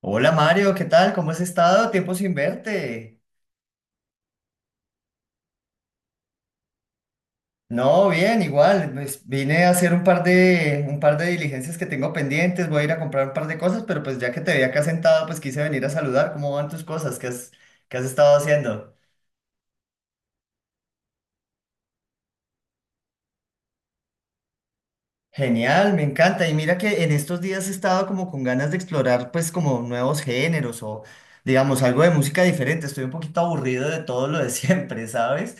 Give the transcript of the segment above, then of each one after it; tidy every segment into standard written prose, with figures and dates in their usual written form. Hola Mario, ¿qué tal? ¿Cómo has estado? Tiempo sin verte. No, bien, igual. Pues vine a hacer un par de diligencias que tengo pendientes. Voy a ir a comprar un par de cosas, pero pues ya que te vi acá sentado, pues quise venir a saludar. ¿Cómo van tus cosas? ¿Qué has estado haciendo? Genial, me encanta. Y mira que en estos días he estado como con ganas de explorar pues como nuevos géneros o digamos algo de música diferente. Estoy un poquito aburrido de todo lo de siempre, ¿sabes?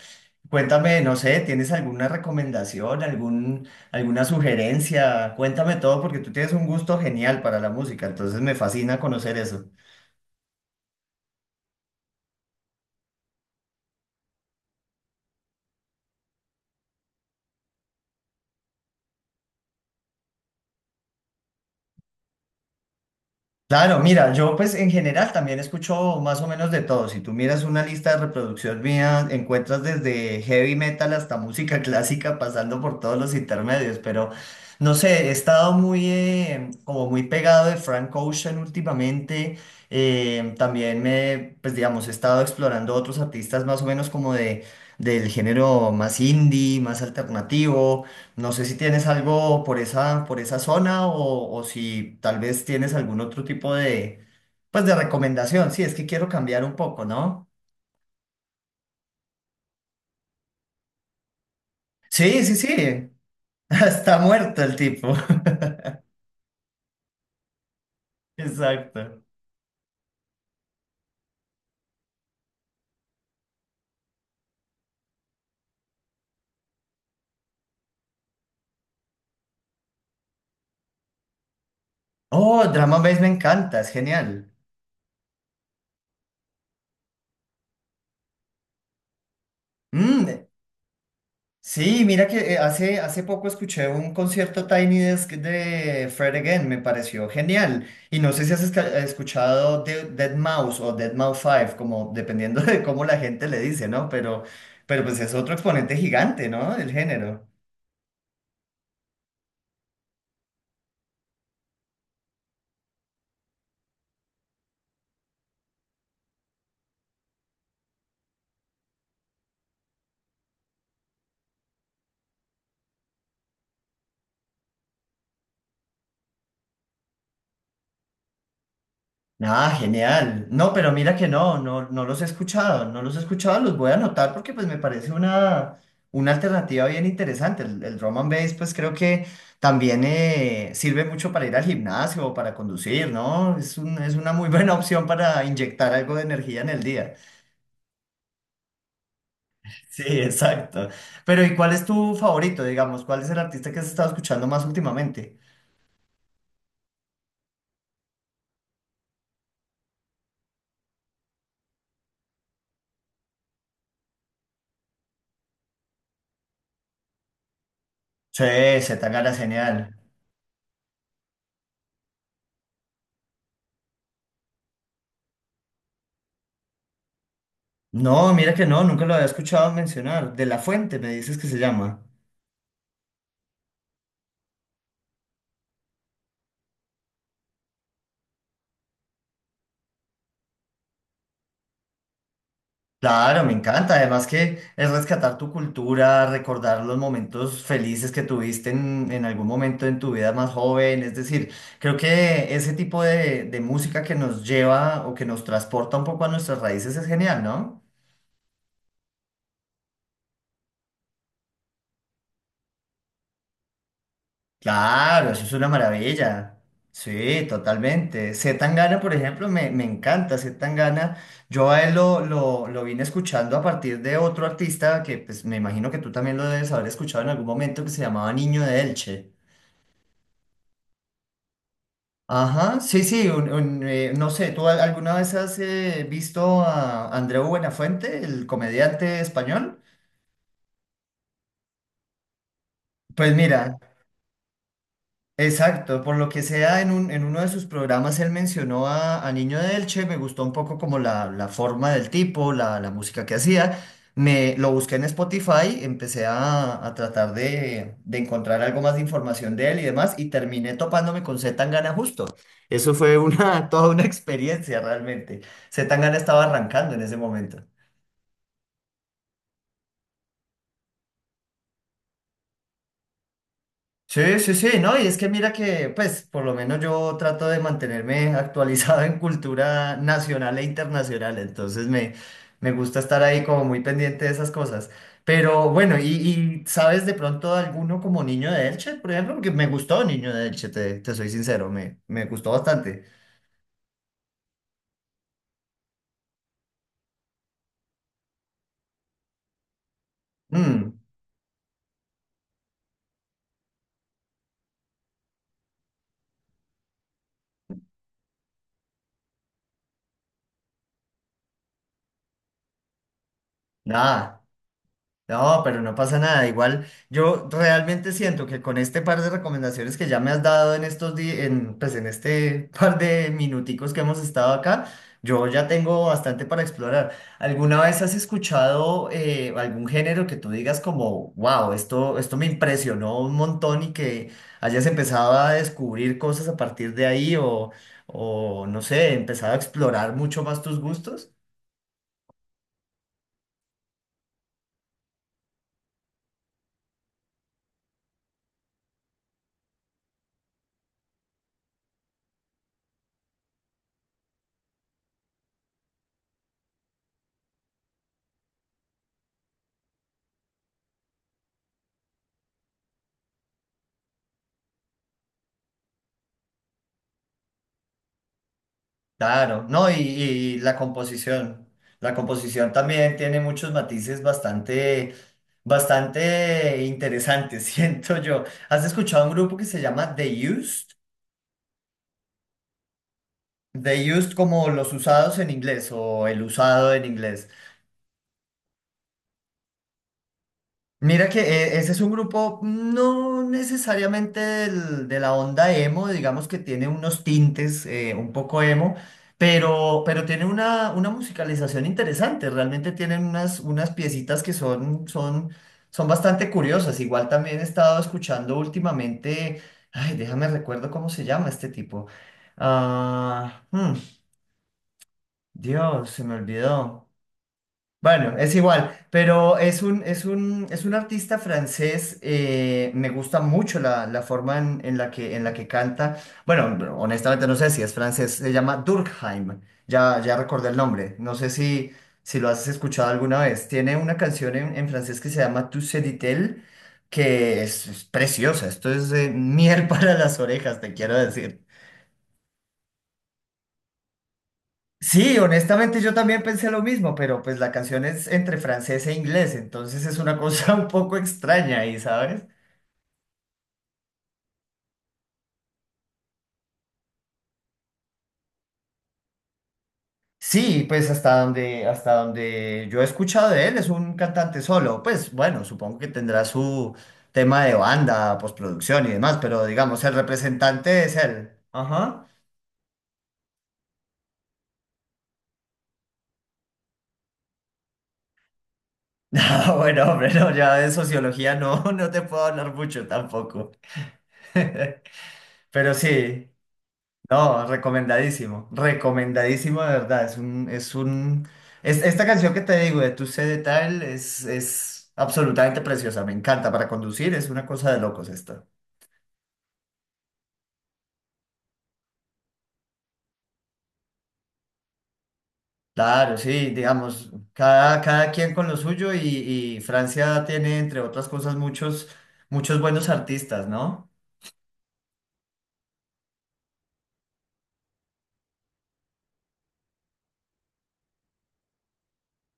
Cuéntame, no sé, ¿tienes alguna recomendación, alguna sugerencia? Cuéntame todo porque tú tienes un gusto genial para la música, entonces me fascina conocer eso. Claro, mira, yo pues en general también escucho más o menos de todo. Si tú miras una lista de reproducción mía, encuentras desde heavy metal hasta música clásica, pasando por todos los intermedios. Pero no sé, he estado muy como muy pegado de Frank Ocean últimamente. También pues digamos, he estado explorando otros artistas más o menos como de del género más indie, más alternativo. No sé si tienes algo por por esa zona o si tal vez tienes algún otro tipo de, pues de recomendación. Sí, es que quiero cambiar un poco, ¿no? Sí, sí, sí. Está muerto el tipo. Exacto. Oh, Drama Base me encanta, es genial. Mm. Sí, mira que hace poco escuché un concierto Tiny Desk de Fred Again, me pareció genial. Y no sé si has escuchado de Dead Mouse o Dead Mouse 5, como dependiendo de cómo la gente le dice, ¿no? Pero pues es otro exponente gigante, ¿no? Del género. Ah, genial. No, pero mira que no los he escuchado, no los he escuchado, los voy a anotar porque pues me parece una alternativa bien interesante. El drum and bass pues creo que también sirve mucho para ir al gimnasio o para conducir, ¿no? Es una muy buena opción para inyectar algo de energía en el día. Sí, exacto. Pero ¿y cuál es tu favorito, digamos? ¿Cuál es el artista que has estado escuchando más últimamente? Sí. Z Tangana, genial. No, mira que no, nunca lo había escuchado mencionar. De La Fuente, me dices que se llama. Claro, me encanta. Además que es rescatar tu cultura, recordar los momentos felices que tuviste en algún momento en tu vida más joven. Es decir, creo que ese tipo de música que nos lleva o que nos transporta un poco a nuestras raíces es genial, ¿no? Claro, eso es una maravilla. Sí, totalmente. C. Tangana, por ejemplo, me encanta. C. Tangana, yo a él lo vine escuchando a partir de otro artista que pues, me imagino que tú también lo debes haber escuchado en algún momento que se llamaba Niño de Elche. Ajá, sí, sí, no sé, ¿tú alguna vez has visto a Andreu Buenafuente, el comediante español? Pues mira, exacto, por lo que sea, en uno de sus programas él mencionó a Niño de Elche, me gustó un poco como la forma del tipo, la música que hacía. Me lo busqué en Spotify, empecé a tratar de encontrar algo más de información de él y demás, y terminé topándome con C. Tangana justo. Eso fue una, toda una experiencia realmente. C. Tangana estaba arrancando en ese momento. Sí, sí, sí, ¿no? Y es que mira que, pues, por lo menos yo trato de mantenerme actualizado en cultura nacional e internacional, me gusta estar ahí como muy pendiente de esas cosas. Pero bueno, ¿y sabes de pronto alguno como Niño de Elche, por ejemplo? Porque me gustó Niño de Elche, te soy sincero, me gustó bastante. Mm, nada. No, pero no pasa nada. Igual yo realmente siento que con este par de recomendaciones que ya me has dado en estos días, en, pues en este par de minuticos que hemos estado acá, yo ya tengo bastante para explorar. ¿Alguna vez has escuchado algún género que tú digas como, wow, esto me impresionó un montón y que hayas empezado a descubrir cosas a partir de ahí o no sé, empezado a explorar mucho más tus gustos? Claro, no, y la composición. La composición también tiene muchos matices bastante, bastante interesantes, siento yo. ¿Has escuchado un grupo que se llama The Used? The Used como los usados en inglés o el usado en inglés. Mira que ese es un grupo mm, no necesariamente de la onda emo, digamos que tiene unos tintes un poco emo, pero tiene una musicalización interesante, realmente tienen unas, unas piecitas que son, son, son bastante curiosas. Igual también he estado escuchando últimamente, ay, déjame recuerdo cómo se llama este tipo. Ah, hmm, Dios, se me olvidó. Bueno, es igual, pero es un artista francés, me gusta mucho la forma en la que canta. Bueno, honestamente no sé si es francés, se llama Durkheim, ya recordé el nombre, no sé si lo has escuchado alguna vez. Tiene una canción en francés que se llama Tu sais dit-elle, que es preciosa, esto es miel para las orejas, te quiero decir. Sí, honestamente yo también pensé lo mismo, pero pues la canción es entre francés e inglés, entonces es una cosa un poco extraña ahí, ¿sabes? Sí, pues hasta donde yo he escuchado de él es un cantante solo, pues bueno, supongo que tendrá su tema de banda, postproducción y demás, pero digamos, el representante es él. Ajá. Ah bueno, hombre, no, ya de sociología no, no te puedo hablar mucho tampoco. Pero sí. No, recomendadísimo, recomendadísimo de verdad. Es, esta canción que te digo de Tu Sé de Tal es absolutamente preciosa, me encanta para conducir, es una cosa de locos esta. Claro, sí, digamos, cada quien con lo suyo y Francia tiene, entre otras cosas, muchos, muchos buenos artistas, ¿no?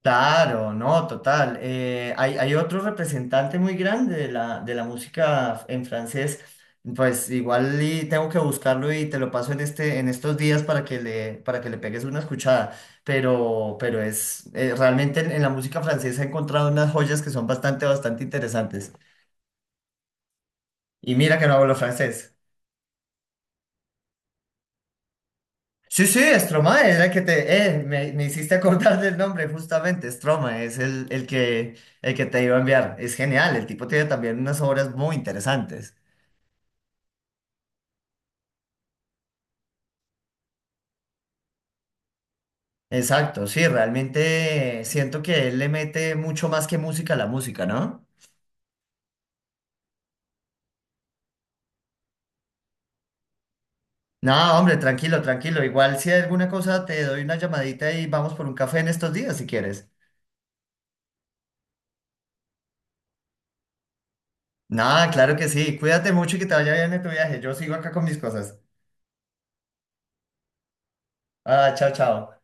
Claro, no, total. Hay otro representante muy grande de de la música en francés. Pues igual y tengo que buscarlo y te lo paso en este, en estos días para que para que le pegues una escuchada. Pero es realmente en la música francesa he encontrado unas joyas que son bastante, bastante interesantes. Y mira que no hablo francés. Sí, sí, Stromae era el que te... me hiciste acordar del nombre justamente, Stromae es el que te iba a enviar. Es genial, el tipo tiene también unas obras muy interesantes. Exacto, sí, realmente siento que él le mete mucho más que música a la música, ¿no? No, hombre, tranquilo, tranquilo. Igual si hay alguna cosa te doy una llamadita y vamos por un café en estos días si quieres. No, claro que sí. Cuídate mucho y que te vaya bien en tu viaje. Yo sigo acá con mis cosas. Ah, chao, chao.